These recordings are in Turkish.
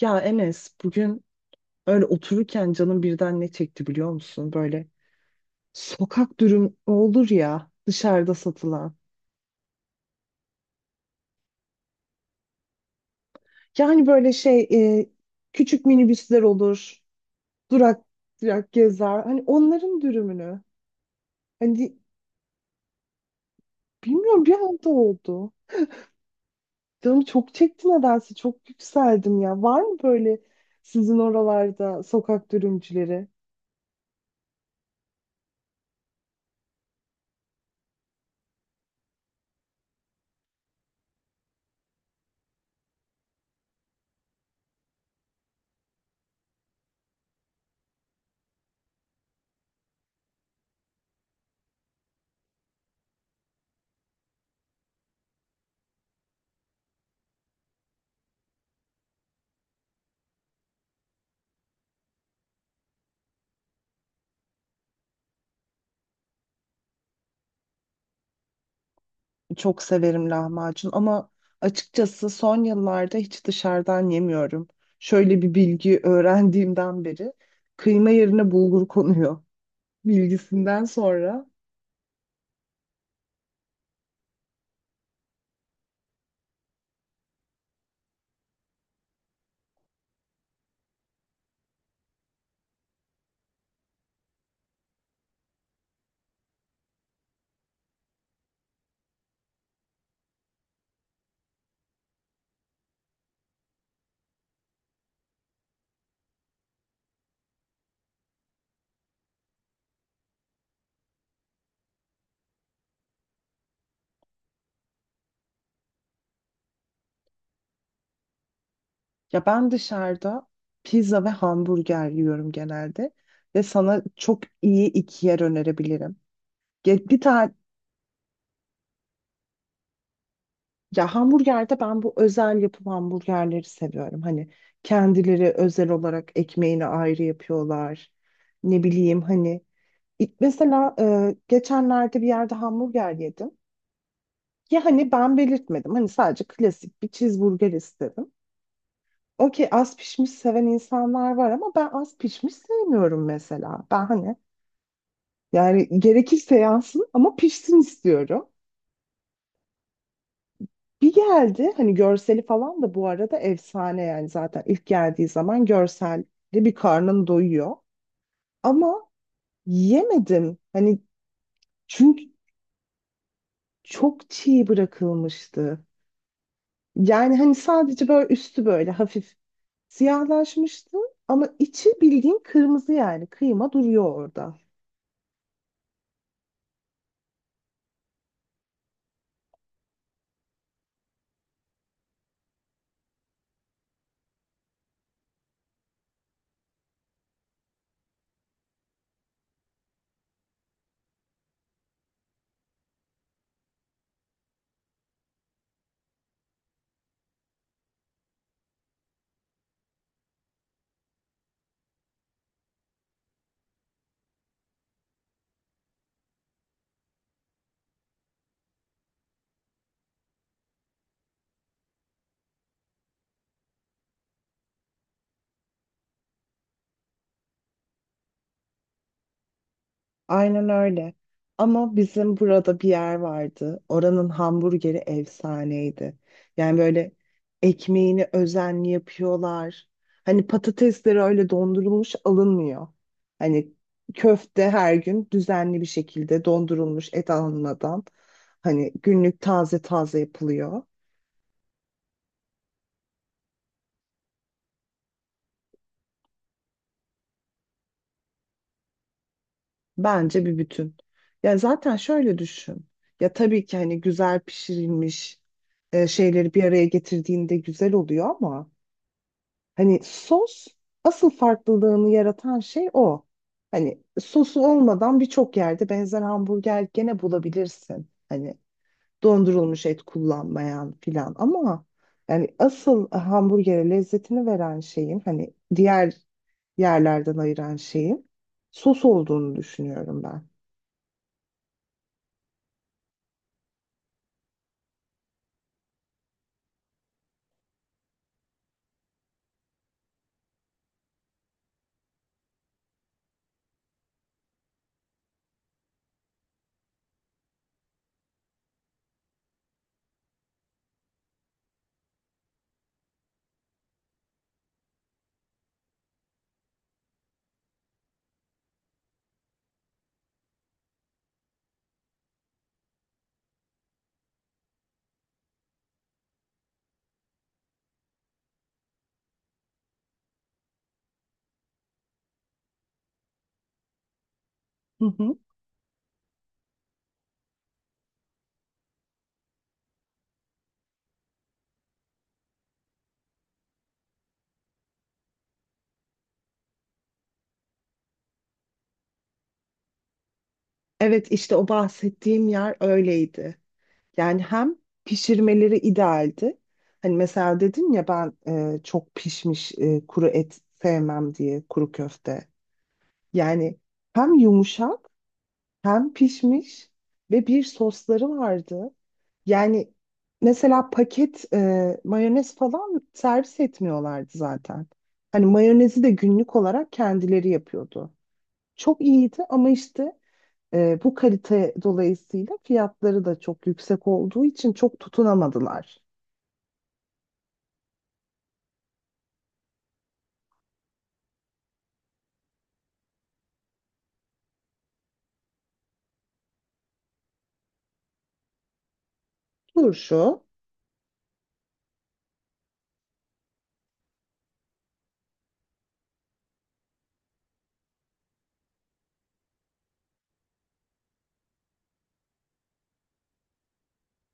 Ya Enes bugün öyle otururken canım birden ne çekti biliyor musun? Böyle sokak dürüm olur ya dışarıda satılan. Yani böyle şey e, küçük minibüsler olur. Durak durak gezer. Hani onların dürümünü. Hani bilmiyorum bir anda oldu. Canım çok çekti nedense çok yükseldim ya. Var mı böyle sizin oralarda sokak dürümcüleri? Çok severim lahmacun ama açıkçası son yıllarda hiç dışarıdan yemiyorum. Şöyle bir bilgi öğrendiğimden beri kıyma yerine bulgur konuyor bilgisinden sonra. Ya ben dışarıda pizza ve hamburger yiyorum genelde ve sana çok iyi iki yer önerebilirim. Bir tane ya hamburgerde ben bu özel yapım hamburgerleri seviyorum. Hani kendileri özel olarak ekmeğini ayrı yapıyorlar. Ne bileyim hani mesela geçenlerde bir yerde hamburger yedim. Ya hani ben belirtmedim. Hani sadece klasik bir cheeseburger istedim. Okey, az pişmiş seven insanlar var ama ben az pişmiş sevmiyorum mesela. Ben hani yani gerekirse yansın ama pişsin istiyorum. Bir geldi, hani görseli falan da bu arada efsane, yani zaten ilk geldiği zaman görselde bir karnın doyuyor. Ama yemedim. Hani çünkü çok çiğ bırakılmıştı. Yani hani sadece böyle üstü böyle hafif siyahlaşmıştı ama içi bildiğin kırmızı, yani kıyma duruyor orada. Aynen öyle. Ama bizim burada bir yer vardı. Oranın hamburgeri efsaneydi. Yani böyle ekmeğini özenli yapıyorlar. Hani patatesleri öyle dondurulmuş alınmıyor. Hani köfte her gün düzenli bir şekilde dondurulmuş et alınmadan. Hani günlük taze taze yapılıyor. Bence bir bütün. Ya zaten şöyle düşün. Ya tabii ki hani güzel pişirilmiş şeyleri bir araya getirdiğinde güzel oluyor ama hani sos asıl farklılığını yaratan şey o. Hani sosu olmadan birçok yerde benzer hamburger gene bulabilirsin. Hani dondurulmuş et kullanmayan filan ama yani asıl hamburgere lezzetini veren şeyin, hani diğer yerlerden ayıran şeyin sos olduğunu düşünüyorum ben. Hı hı. Evet, işte o bahsettiğim yer öyleydi. Yani hem pişirmeleri idealdi. Hani mesela dedim ya ben çok pişmiş kuru et sevmem diye, kuru köfte. Yani hem yumuşak, hem pişmiş ve bir sosları vardı. Yani mesela paket mayonez falan servis etmiyorlardı zaten. Hani mayonezi de günlük olarak kendileri yapıyordu. Çok iyiydi ama işte bu kalite dolayısıyla fiyatları da çok yüksek olduğu için çok tutunamadılar. Turşu,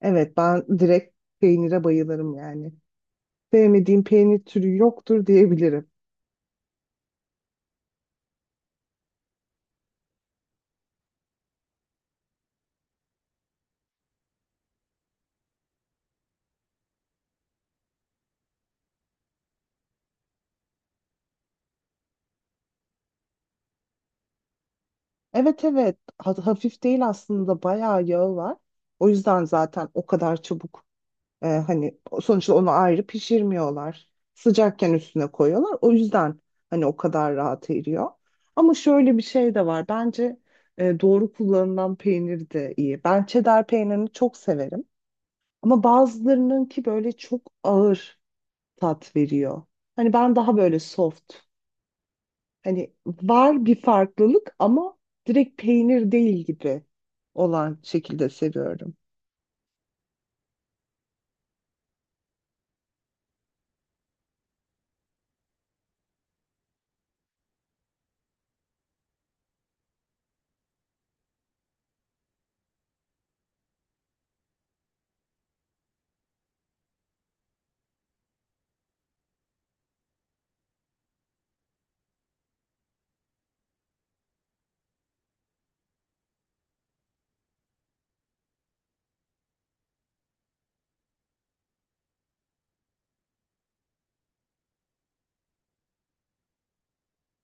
evet, ben direkt peynire bayılırım yani. Sevmediğim peynir türü yoktur diyebilirim. Evet, evet. Hafif değil aslında, bayağı yağı var. O yüzden zaten o kadar çabuk. Hani sonuçta onu ayrı pişirmiyorlar. Sıcakken üstüne koyuyorlar. O yüzden hani o kadar rahat eriyor. Ama şöyle bir şey de var. Bence doğru kullanılan peynir de iyi. Ben cheddar peynirini çok severim. Ama bazılarının ki böyle çok ağır tat veriyor. Hani ben daha böyle soft. Hani var bir farklılık ama direkt peynir değil gibi olan şekilde seviyorum.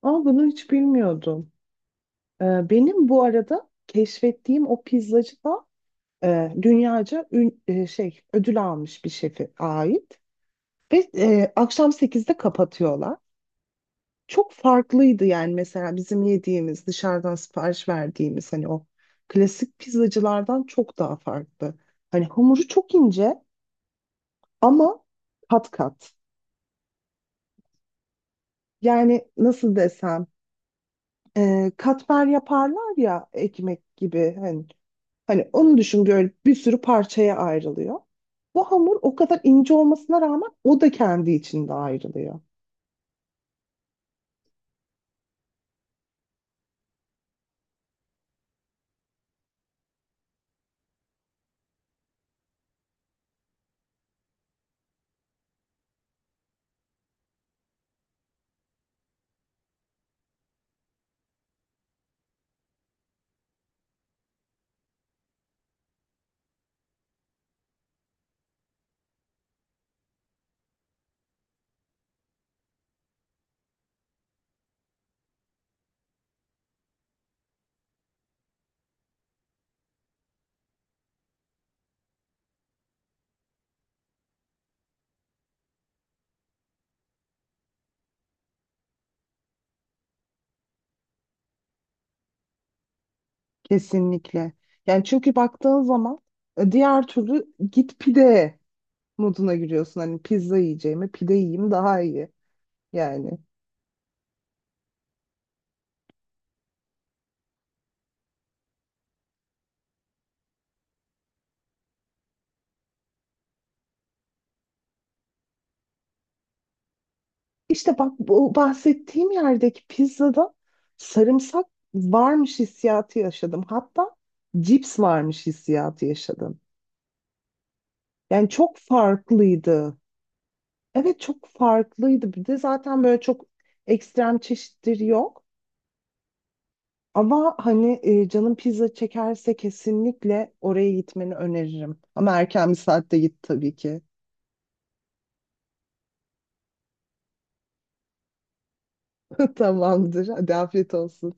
Ama bunu hiç bilmiyordum. Benim bu arada keşfettiğim o pizzacı da dünyaca şey, ödül almış bir şefe ait. Ve akşam 8'de kapatıyorlar. Çok farklıydı yani, mesela bizim yediğimiz, dışarıdan sipariş verdiğimiz hani o klasik pizzacılardan çok daha farklı. Hani hamuru çok ince ama kat kat. Yani nasıl desem, katmer yaparlar ya ekmek gibi, hani hani onu düşün, böyle bir sürü parçaya ayrılıyor. Bu hamur o kadar ince olmasına rağmen o da kendi içinde ayrılıyor. Kesinlikle. Yani çünkü baktığın zaman diğer türlü git pide moduna giriyorsun. Hani pizza yiyeceğime pide yiyeyim daha iyi. Yani işte bak, bu bahsettiğim yerdeki pizzada sarımsak varmış hissiyatı yaşadım. Hatta cips varmış hissiyatı yaşadım. Yani çok farklıydı. Evet, çok farklıydı. Bir de zaten böyle çok ekstrem çeşitleri yok. Ama hani canın pizza çekerse kesinlikle oraya gitmeni öneririm. Ama erken bir saatte git tabii ki. Tamamdır. Hadi afiyet olsun.